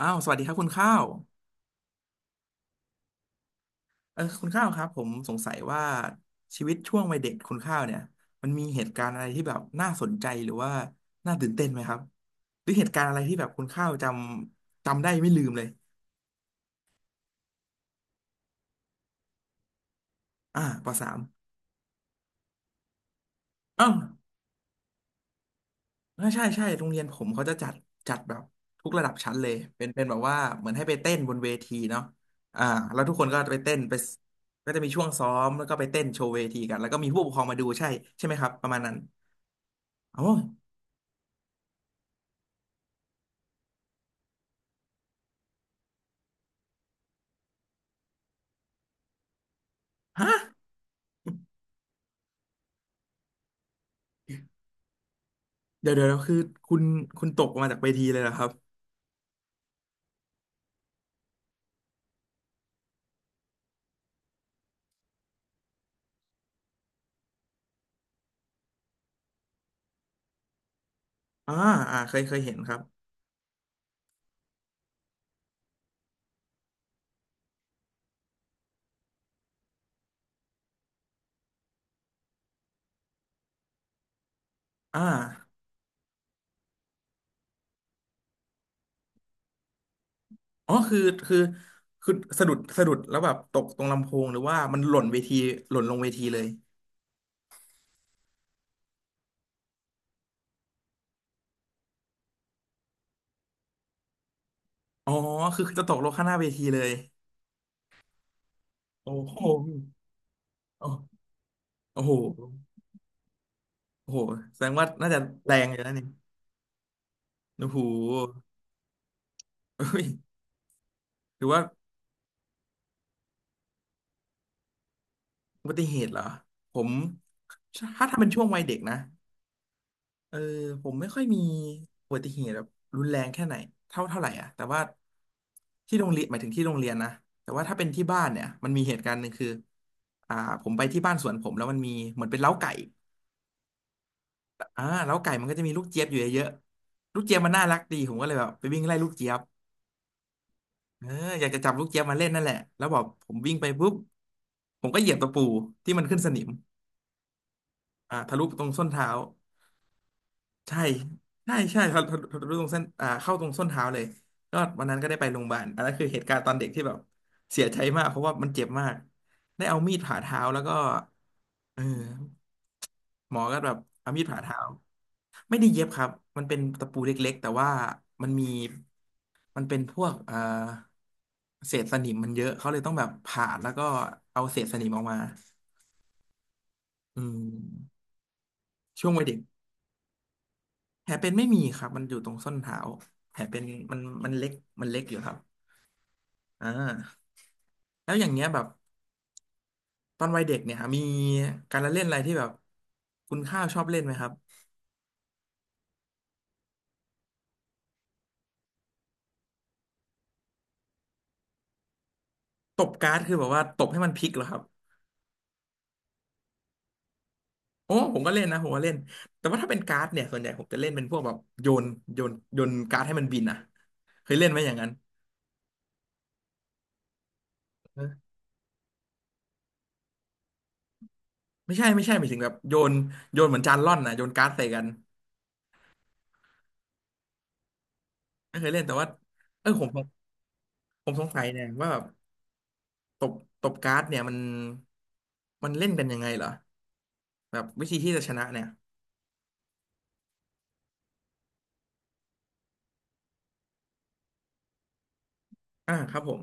อ้าวสวัสดีครับคุณข้าวคุณข้าวครับผมสงสัยว่าชีวิตช่วงวัยเด็กคุณข้าวเนี่ยมันมีเหตุการณ์อะไรที่แบบน่าสนใจหรือว่าน่าตื่นเต้นไหมครับหรือเหตุการณ์อะไรที่แบบคุณข้าวจำได้ไม่ลืมเลยปสามอ้าวใช่โรงเรียนผมเขาจะจัดแบบทุกระดับชั้นเลยเป็นแบบว่าเหมือนให้ไปเต้นบนเวทีเนาะอ่าแล้วทุกคนก็ไปเต้นไปก็จะมีช่วงซ้อมแล้วก็ไปเต้นโชว์เวทีกันแล้วก็มีผู้ปกครองมาดูใช่ใช่ไหมครับประมาณนั้นอ๋อฮะ เดี๋ยวคือคุณคุณตกมาจากเวทีเลยเหรอครับอ่าเคยเห็นครับอ่าอ๋อคือคือสะดุดแล้วแบบตกตรงลำโพงหรือว่ามันหล่นเวทีหล่นลงเวทีเลยอ๋อคือจะตกลงข้างหน้าเวทีเลยโอ้โหโอ้โอ้โหโอ้โหแสดงว่าน่าจะแรงเลยนะเนี่ยโอ้โหเฮ้ยหรือว่าอุบัติเหตุเหรอผมถ้าเป็นช่วงวัยเด็กนะ เออผมไม่ค่อยมีอุบัติเหตุแบบรุนแรงแค่ไหนเท่าไหร่อ่ะแต่ว่าที่โรงเรียนหมายถึงที่โรงเรียนนะแต่ว่าถ้าเป็นที่บ้านเนี่ยมันมีเหตุการณ์หนึ่งคืออ่าผมไปที่บ้านสวนผมแล้วมันมีเหมือนเป็นเล้าไก่เล้าไก่มันก็จะมีลูกเจี๊ยบอยู่เยอะๆลูกเจี๊ยบมันน่ารักดีผมก็เลยแบบไปวิ่งไล่ลูกเจี๊ยบเอออยากจะจับลูกเจี๊ยบมาเล่นนั่นแหละแล้วบอกผมวิ่งไปปุ๊บผมก็เหยียบตะปูที่มันขึ้นสนิมทะลุตรงส้นเท้า ใช่ทะลุตรงเส้นเข้าตรงส้นเท้าเลยก็วันนั้นก็ได้ไปโรงพยาบาลอันนั้นคือเหตุการณ์ตอนเด็กที่แบบเสียใจมากเพราะว่ามันเจ็บมาก ได้เอามีดผ่าเท้าแล้วก็เออหมอก็แบบเอามีดผ่าเท้า ไม่ได้เย็บครับมันเป็นตะปูเล็กๆแต่ว่ามันมีมันเป็นพวกเศษสนิมมันเยอะเขาเลยต้องแบบผ่าแล้วก็เอาเศษสนิมออกมาอืมช่วงวัยเด็ก แผลเป็นไม่มีครับมันอยู่ตรงส้นเท้าแผลเป็นมันเล็กมันเล็กอยู่ครับอ่าแล้วอย่างเงี้ยแบบตอนวัยเด็กเนี่ยมีการละเล่นอะไรที่แบบคุณข้าวชอบเล่นไหมครับตบการ์ดคือแบบว่าตบให้มันพลิกเหรอครับโอ้ผมก็เล่นนะผมก็เล่นแต่ว่าถ้าเป็นการ์ดเนี่ยส่วนใหญ่ผมจะเล่นเป็นพวกแบบโยนการ์ดให้มันบินอ่ะเคยเล่นไหมอย่างนั้นอไม่ใช่หมายถึงแบบโยนเหมือนจานร่อนนะโยนการ์ดใส่กันไม่เคยเล่นแต่ว่าเออผมผมสงสัยเนี่ยว่าแบบ ตบตบการ์ดเนี่ยมันเล่นกันยังไงเหรอแบบวิธีที่จะชนะเนี่ยอ่าครับผม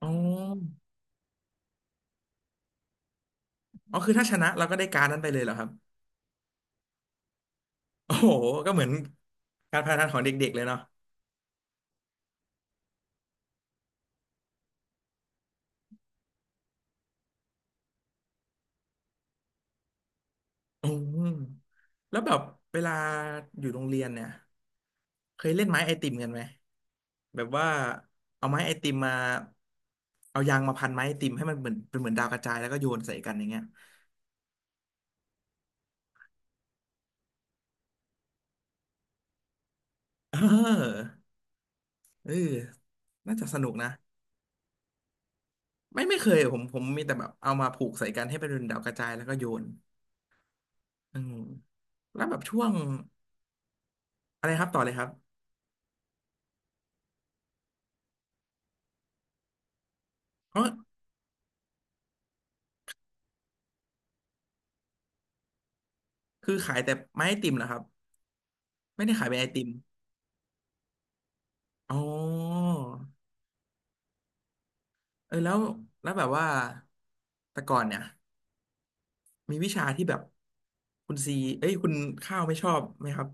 อ๋ออ๋อคือถ้าชนะเราก็ได้การ์ดนั้นไปเลยเหรอครับโอ้โหก็เหมือนการพนันของเด็กๆเลยเนาะอืมแล้วแบบเวลาอยู่โรงเรียนเนี่ยเคยเล่นไม้ไอติมกันไหมแบบว่าเอาไม้ไอติมมาเอายางมาพันไม้ไอติมให้มันเหมือนเป็นเหมือนดาวกระจายแล้วก็โยนใส่กันอย่างเงี้ยเออเออน่าจะสนุกนะ ไม่เคยผมมีแต่แบบเอามาผูกใส่กันให้เป็นดาวกระจายแล้วก็โยนอืมแล้วแบบช่วงอะไรครับต่อเลยครับอ๋อคือขายแต่ไม้ไอติมเหรอครับไม่ได้ขายเป็นไอติมอ๋อเออแล้วแล้วแบบว่าแต่ก่อนเนี่ยมีวิชาที่แบบคุณซีเอ้ยคุณข้าวไม่ชอบไหมครับ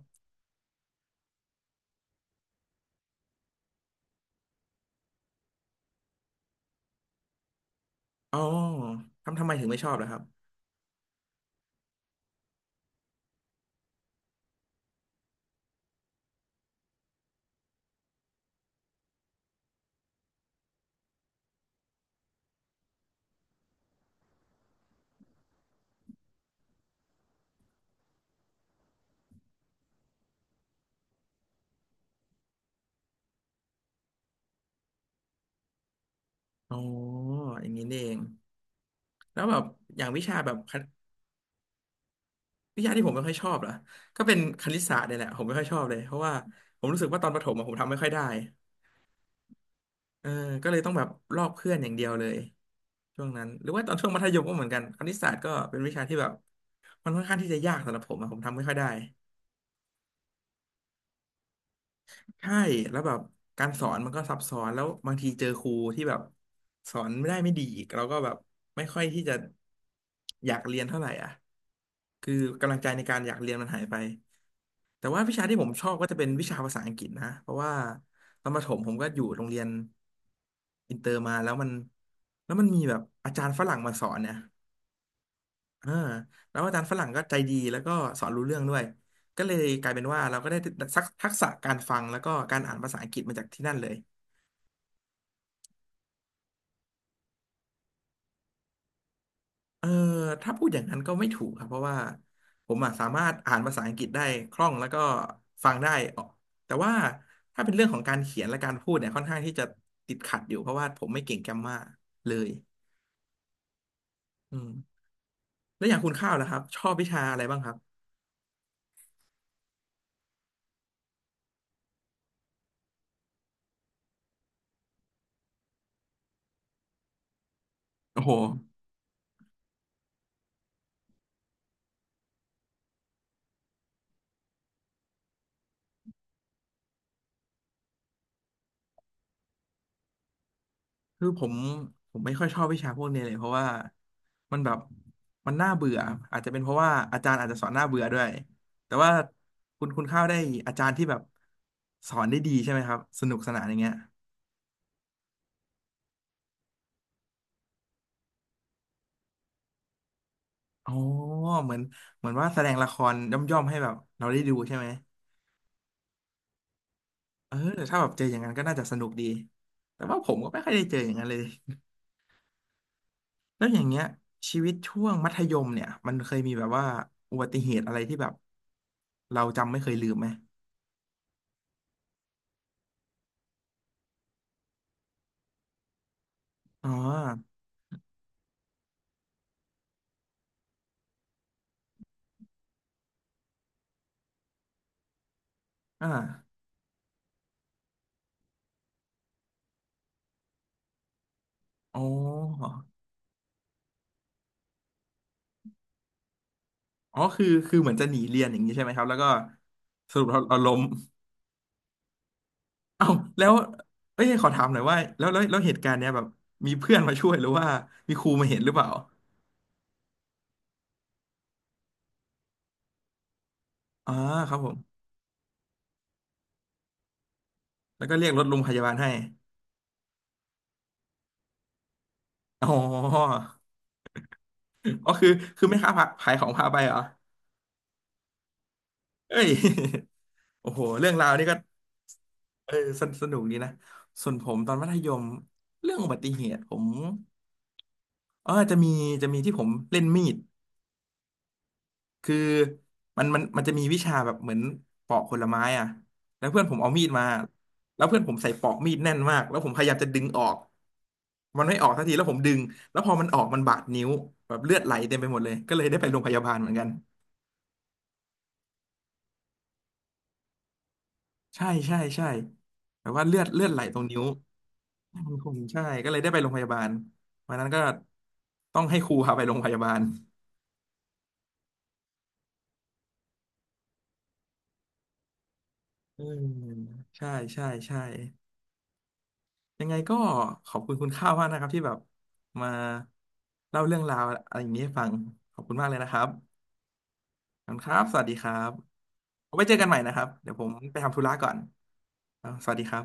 อ๋อทำไมถึงไม่ชอบล่ะครับอ๋ออย่างนี้นี่เองแล้วแบบอย่างวิชาแบบ วิชาที่ผมไม่ค่อยชอบเหรอก็เป็นคณิตศาสตร์เนี่ยแหละผมไม่ค่อยชอบเลยเพราะว่าผมรู้สึกว่าตอนประถมอะผมทำไม่ค่อยได้เออก็เลยต้องแบบลอกเพื่อนอย่างเดียวเลยช่วงนั้นหรือว่าตอนช่วงมัธยมก็เหมือนกันคณิตศาสตร์ก็เป็นวิชาที่แบบมันค่อนข้างที่จะยากสำหรับผมอะผมทำไม่ค่อยได้ใช่แล้วแบบการสอนมันก็ซับซ้อนแล้วบางทีเจอครูที่แบบสอนไม่ดีอีกเราก็แบบไม่ค่อยที่จะอยากเรียนเท่าไหร่อ่ะคือกำลังใจในการอยากเรียนมันหายไป แต่ว่าวิชาที่ผมชอบก็จะเป็นวิชาภาษาอังกฤษนะเพราะว่าตอนประถมผมก็อยู่โรงเรียนอินเตอร์มาแล้วมันมีแบบอาจารย์ฝรั่งมาสอนเนี่ยเออแล้วอาจารย์ฝรั่งก็ใจดีแล้วก็สอนรู้เรื่องด้วยก็เลยกลายเป็นว่าเราก็ได้ทักษะการฟังแล้วก็การอ่านภาษาอังกฤษมาจากที่นั่นเลย เออถ้าพูดอย่างนั้นก็ไม่ถูกครับเพราะว่าผมอะสามารถอ่านภาษาอังกฤษได้คล่องแล้วก็ฟังได้ออกแต่ว่าถ้าเป็นเรื่องของการเขียนและการพูดเนี่ยค่อนข้างที่จะติดขัดอยู่เพราะว่าผมไม่เก่งแกรมมาเลยอืมแล้วอย่างคุณข้าวนะครับชอบวิชาอะไรบ้างครับโอ้โหคือผมไม่ค่อยชอบวิชาพวกนี้เลยเพราะว่ามันแบบมันน่าเบื่ออาจจะเป็นเพราะว่าอาจารย์อาจจะสอนน่าเบื่อด้วยแต่ว่าคุณข้าวได้อาจารย์ที่แบบสอนได้ดีใช่ไหมครับสนุกสนานอย่างเงี้ย อ๋อเหมือนเหมือนว่าแสดงละครย่อมๆให้แบบเราได้ดูใช่ไหมเออถ้าแบบเจออย่างนั้นก็น่าจะสนุกดีแต่ว่าผมก็ไม่ค่อยได้เจออย่างนั้นเลยแล้วอย่างเงี้ยชีวิตช่วงมัธยมเนี่ยมันเคยมีแบบว่าอุบัติเหตุอะไรที่แบบเราจำไม่เคยลืมไหมอ๋ออ่าอ๋ออ๋อคือคือเหมือนจะหนีเรียนอย่างนี้ใช่ไหมครับแล้วก็สรุปเราล้ม เอ้าแล้วเอ้ยขอถามหน่อยว่าแล้วเหตุการณ์เนี้ยแบบมีเพื่อนมาช่วยหรือว่ามีครูมาเห็นหรือเปล่า อ่าครับผมแล้วก็เรียกรถโรงพยาบาลให้ อ๋ออ๋อคือคือไม่ค้าผขายของพาไปเหรอเอ้ย โอ้โหเรื่องราวนี่ก็เออสนสนุกดีนะส่วนผมตอนมัธยมเรื่องอุบัติเหตุผมเออจะมีจะมีที่ผมเล่นมีด คือมันจะมีวิชาแบบเหมือนปอกผลไม้อ่ะแล้วเพื่อนผมเอามีดมาแล้วเพื่อนผมใส่ปอกมีดแน่นมากแล้วผมพยายามจะดึงออกมันไม่ออกสักทีแล้วผมดึงแล้วพอมันออกมันบาดนิ้วแบบเลือดไหลเต็มไปหมดเลยก็เลยได้ไปโรงพยาบาลเหมือนกันใช่ใช่ใช่แบบว่าเลือดไหลตรงนิ้วมันคงใช่ก็เลยได้ไปโรงพยาบาลวันนั้นก็ต้องให้ครูพาไปโรงพยาบาลอืมใช่ใช่ใช่ ยังไงก็ขอบคุณคุณข้าวมากนะครับที่แบบมาเล่าเรื่องราวอะไรอย่างนี้ให้ฟังขอบคุณมากเลยนะครับขอบคุณครับสวัสดีครับไว้เจอกันใหม่นะครับ เดี๋ยวผมไปทำธุระก่อนอ่าสวัสดีครับ